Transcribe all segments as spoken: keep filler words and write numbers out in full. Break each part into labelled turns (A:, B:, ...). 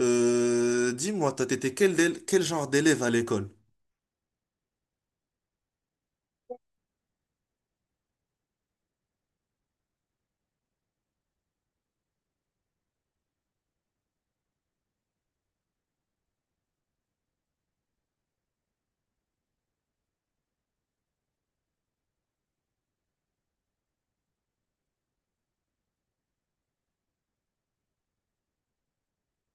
A: Euh, dis-moi, t'as été quel, dél- quel genre d'élève à l'école?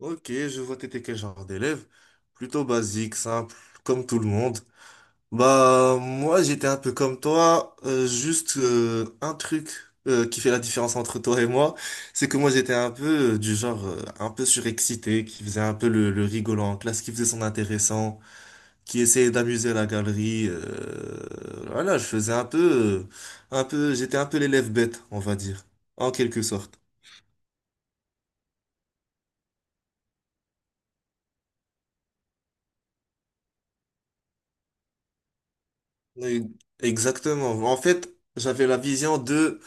A: Ok, je vois t'étais quel genre d'élève? Plutôt basique, simple, comme tout le monde. Bah, moi, j'étais un peu comme toi, euh, juste euh, un truc euh, qui fait la différence entre toi et moi, c'est que moi, j'étais un peu euh, du genre euh, un peu surexcité, qui faisait un peu le, le rigolant en classe, qui faisait son intéressant, qui essayait d'amuser la galerie. Euh, voilà, je faisais un peu, euh, un peu, j'étais un peu l'élève bête, on va dire, en quelque sorte. Oui, exactement. En fait, j'avais la vision de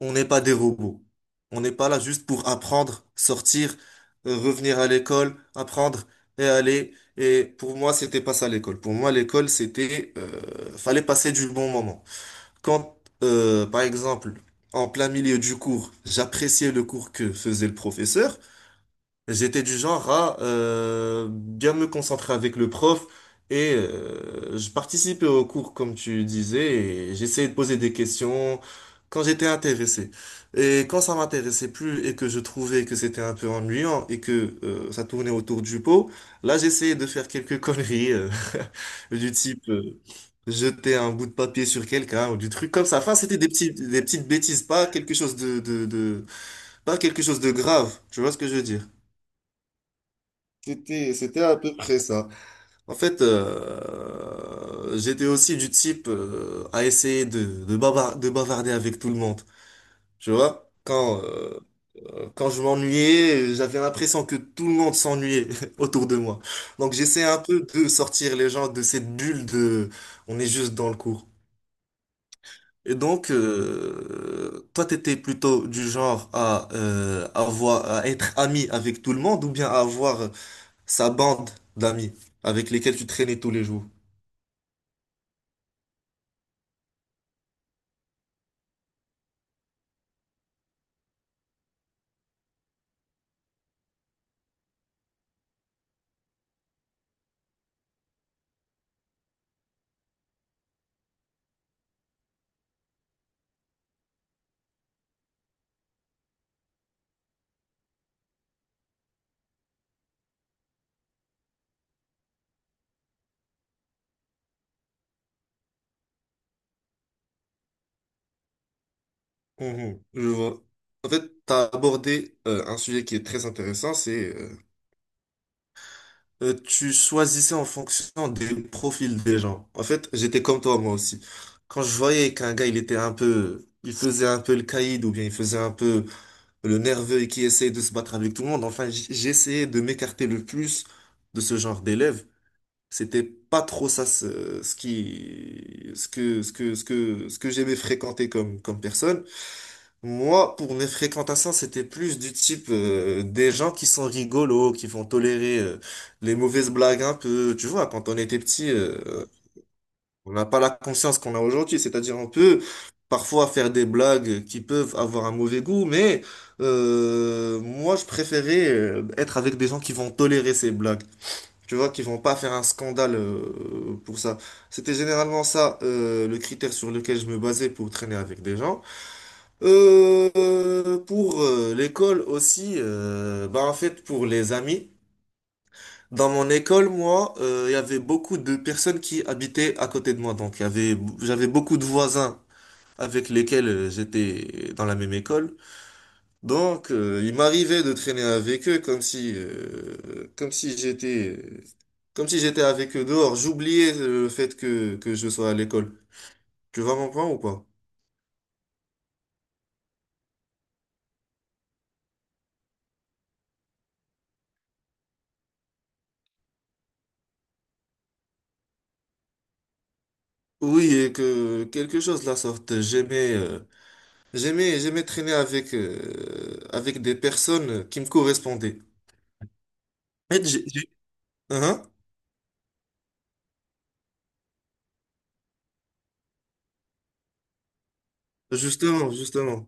A: on n'est pas des robots. On n'est pas là juste pour apprendre, sortir, euh, revenir à l'école, apprendre et aller. Et pour moi, c'était pas ça l'école. Pour moi, l'école, c'était euh, fallait passer du bon moment. Quand, euh, Par exemple, en plein milieu du cours, j'appréciais le cours que faisait le professeur. J'étais du genre à euh, bien me concentrer avec le prof et euh, je participais au cours comme tu disais et j'essayais de poser des questions quand j'étais intéressé. Et quand ça m'intéressait plus et que je trouvais que c'était un peu ennuyant et que euh, ça tournait autour du pot, là j'essayais de faire quelques conneries euh, du type euh, jeter un bout de papier sur quelqu'un ou du truc comme ça. Enfin, c'était des petits, des petites bêtises, pas quelque chose de, de, de, pas quelque chose de grave. Tu vois ce que je veux dire? C'était, c'était à peu près ça. En fait, euh, j'étais aussi du type euh, à essayer de, de, bavar- de bavarder avec tout le monde. Tu vois? Quand, euh, quand je m'ennuyais, j'avais l'impression que tout le monde s'ennuyait autour de moi. Donc j'essaie un peu de sortir les gens de cette bulle de on est juste dans le cours. Et donc, euh, toi, t'étais plutôt du genre à, euh, avoir, à être ami avec tout le monde ou bien à avoir sa bande d'amis avec lesquels tu traînais tous les jours. Mhm, je vois. En fait, tu as abordé euh, un sujet qui est très intéressant, c'est euh, euh, tu choisissais en fonction des profils des gens. En fait, j'étais comme toi moi aussi. Quand je voyais qu'un gars, il était un peu, il faisait un peu le caïd ou bien il faisait un peu le nerveux et qui essayait de se battre avec tout le monde, enfin, j- j'essayais de m'écarter le plus de ce genre d'élèves. C'était pas trop ça ce, ce qui ce que ce que ce que ce que j'aimais fréquenter comme comme personne. Moi, pour mes fréquentations, c'était plus du type euh, des gens qui sont rigolos, qui vont tolérer euh, les mauvaises blagues un peu. Tu vois, quand on était petit, euh, on n'a pas la conscience qu'on a aujourd'hui. C'est-à-dire, on peut parfois faire des blagues qui peuvent avoir un mauvais goût, mais euh, moi, je préférais euh, être avec des gens qui vont tolérer ces blagues. Tu vois qu'ils vont pas faire un scandale euh, pour ça. C'était généralement ça euh, le critère sur lequel je me basais pour traîner avec des gens. Euh, pour euh, L'école aussi, euh, bah en fait pour les amis. Dans mon école, moi, euh, il y avait beaucoup de personnes qui habitaient à côté de moi. Donc il y avait, j'avais beaucoup de voisins avec lesquels euh, j'étais dans la même école. Donc, euh, il m'arrivait de traîner avec eux comme si, euh, comme si j'étais, euh, comme si j'étais avec eux dehors. J'oubliais euh, le fait que, que je sois à l'école. Tu vas comprendre ou pas? Oui, et que quelque chose de la sorte. J'aimais, euh, j'aimais, j'aimais traîner avec, euh, avec des personnes qui me correspondaient. En fait, j'ai, j'ai- hein. Justement, justement.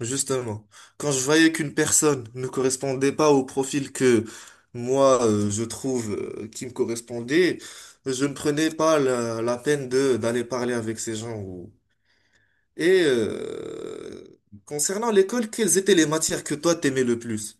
A: Justement, quand je voyais qu'une personne ne correspondait pas au profil que moi euh, je trouve euh, qui me correspondait, je ne prenais pas la, la peine de d'aller parler avec ces gens. Ou... et euh, concernant l'école, quelles étaient les matières que toi t'aimais le plus?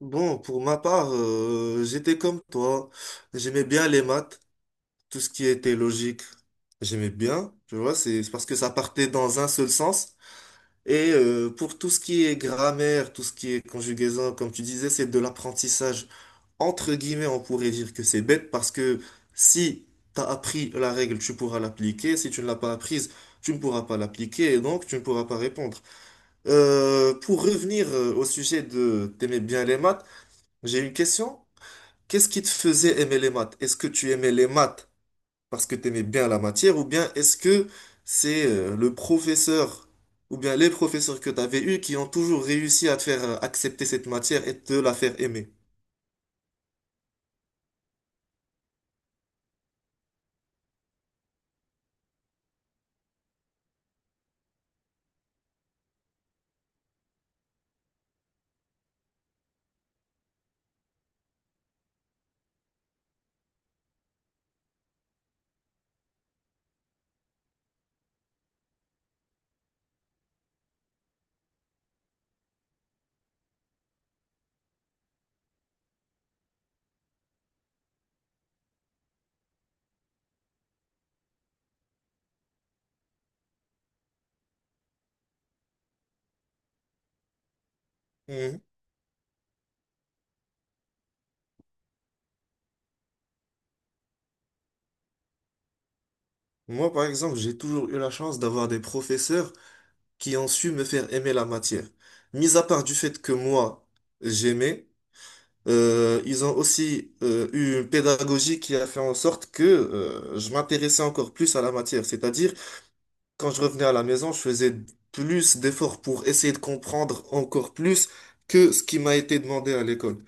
A: Bon, pour ma part, euh, j'étais comme toi. J'aimais bien les maths, tout ce qui était logique. J'aimais bien, tu vois, c'est c'est parce que ça partait dans un seul sens. Et euh, pour tout ce qui est grammaire, tout ce qui est conjugaison, comme tu disais, c'est de l'apprentissage. Entre guillemets, on pourrait dire que c'est bête parce que si tu as appris la règle, tu pourras l'appliquer. Si tu ne l'as pas apprise, tu ne pourras pas l'appliquer et donc tu ne pourras pas répondre. Euh, pour revenir euh, Au sujet de t'aimer bien les maths, j'ai une question. Qu'est-ce qui te faisait aimer les maths? Est-ce que tu aimais les maths parce que t'aimais bien la matière, ou bien est-ce que c'est euh, le professeur, ou bien les professeurs que t'avais eus qui ont toujours réussi à te faire euh, accepter cette matière et te la faire aimer? Mhm. Moi, par exemple, j'ai toujours eu la chance d'avoir des professeurs qui ont su me faire aimer la matière. Mis à part du fait que moi, j'aimais, euh, ils ont aussi euh, eu une pédagogie qui a fait en sorte que euh, je m'intéressais encore plus à la matière. C'est-à-dire quand je revenais à la maison, je faisais plus d'efforts pour essayer de comprendre encore plus que ce qui m'a été demandé à l'école.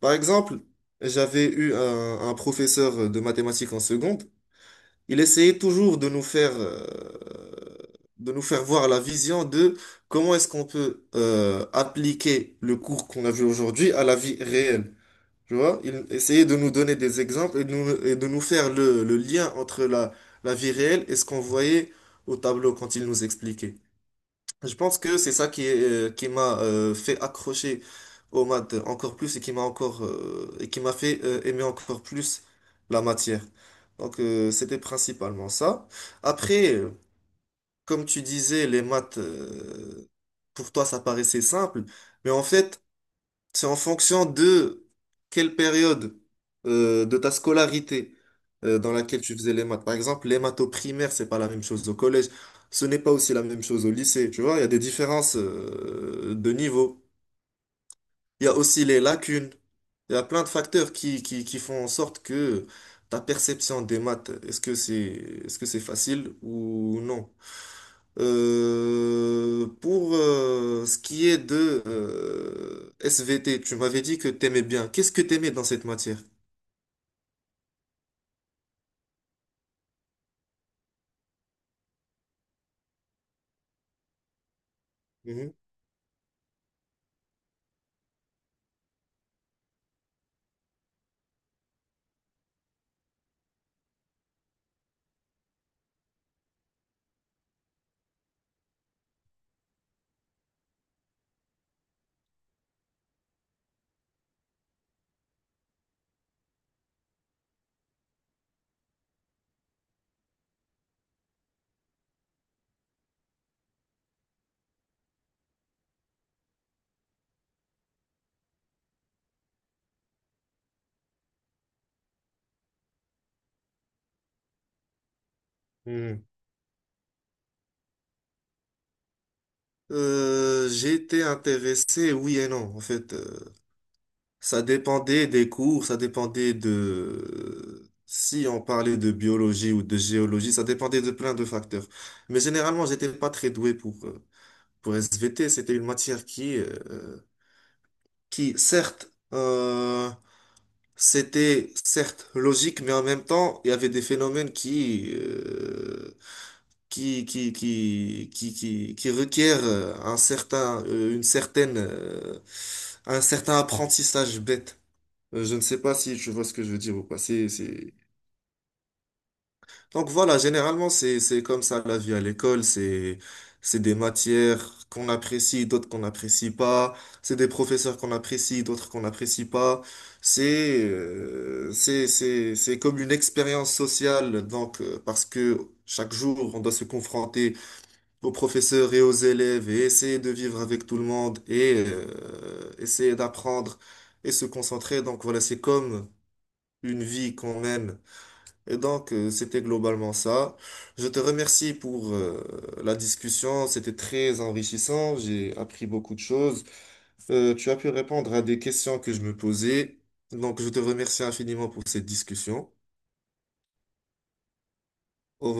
A: Par exemple, j'avais eu un, un professeur de mathématiques en seconde. Il essayait toujours de nous faire, euh, de nous faire voir la vision de comment est-ce qu'on peut euh, appliquer le cours qu'on a vu aujourd'hui à la vie réelle. Tu vois, il essayait de nous donner des exemples et de nous, et de nous faire le, le lien entre la, la vie réelle et ce qu'on voyait au tableau quand il nous expliquait. Je pense que c'est ça qui, est, euh, qui m'a euh, fait accrocher aux maths encore plus et qui m'a encore euh, et qui m'a fait euh, aimer encore plus la matière. Donc euh, c'était principalement ça. Après, euh, comme tu disais, les maths, euh, pour toi, ça paraissait simple, mais en fait, c'est en fonction de quelle période euh, de ta scolarité euh, dans laquelle tu faisais les maths. Par exemple, les maths au primaire, c'est pas la même chose au collège. Ce n'est pas aussi la même chose au lycée. Tu vois, il y a des différences euh, de niveau. Il y a aussi les lacunes. Il y a plein de facteurs qui, qui, qui font en sorte que ta perception des maths, est-ce que c'est, est-ce que c'est facile ou non? Euh, pour euh, ce qui est de euh, S V T, tu m'avais dit que t'aimais bien. Qu'est-ce que t'aimais dans cette matière? Mhm, mhm. Euh, j'ai intéressé, oui et non. En fait, euh, ça dépendait des cours, ça dépendait de... Si on parlait de biologie ou de géologie, ça dépendait de plein de facteurs. Mais généralement, j'étais pas très doué pour, euh, pour S V T. C'était une matière qui, euh, qui certes, euh, c'était certes logique, mais en même temps, il y avait des phénomènes qui, euh, qui, qui, qui, qui, qui, qui requièrent euh, un certain, euh, une certaine, euh, un certain apprentissage bête. Euh, Je ne sais pas si tu vois ce que je veux dire ou pas. C'est, c'est, donc voilà, généralement, c'est, c'est comme ça la vie à l'école. C'est, c'est des matières qu'on apprécie, d'autres qu'on n'apprécie pas. C'est des professeurs qu'on apprécie, d'autres qu'on n'apprécie pas. C'est, euh, c'est, c'est, c'est comme une expérience sociale. Donc, euh, parce que chaque jour, on doit se confronter aux professeurs et aux élèves et essayer de vivre avec tout le monde et euh, essayer d'apprendre et se concentrer. Donc voilà, c'est comme une vie qu'on mène et donc, euh, c'était globalement ça. Je te remercie pour euh, la discussion. C'était très enrichissant. J'ai appris beaucoup de choses. Euh, tu as pu répondre à des questions que je me posais. Donc, je te remercie infiniment pour cette discussion. Au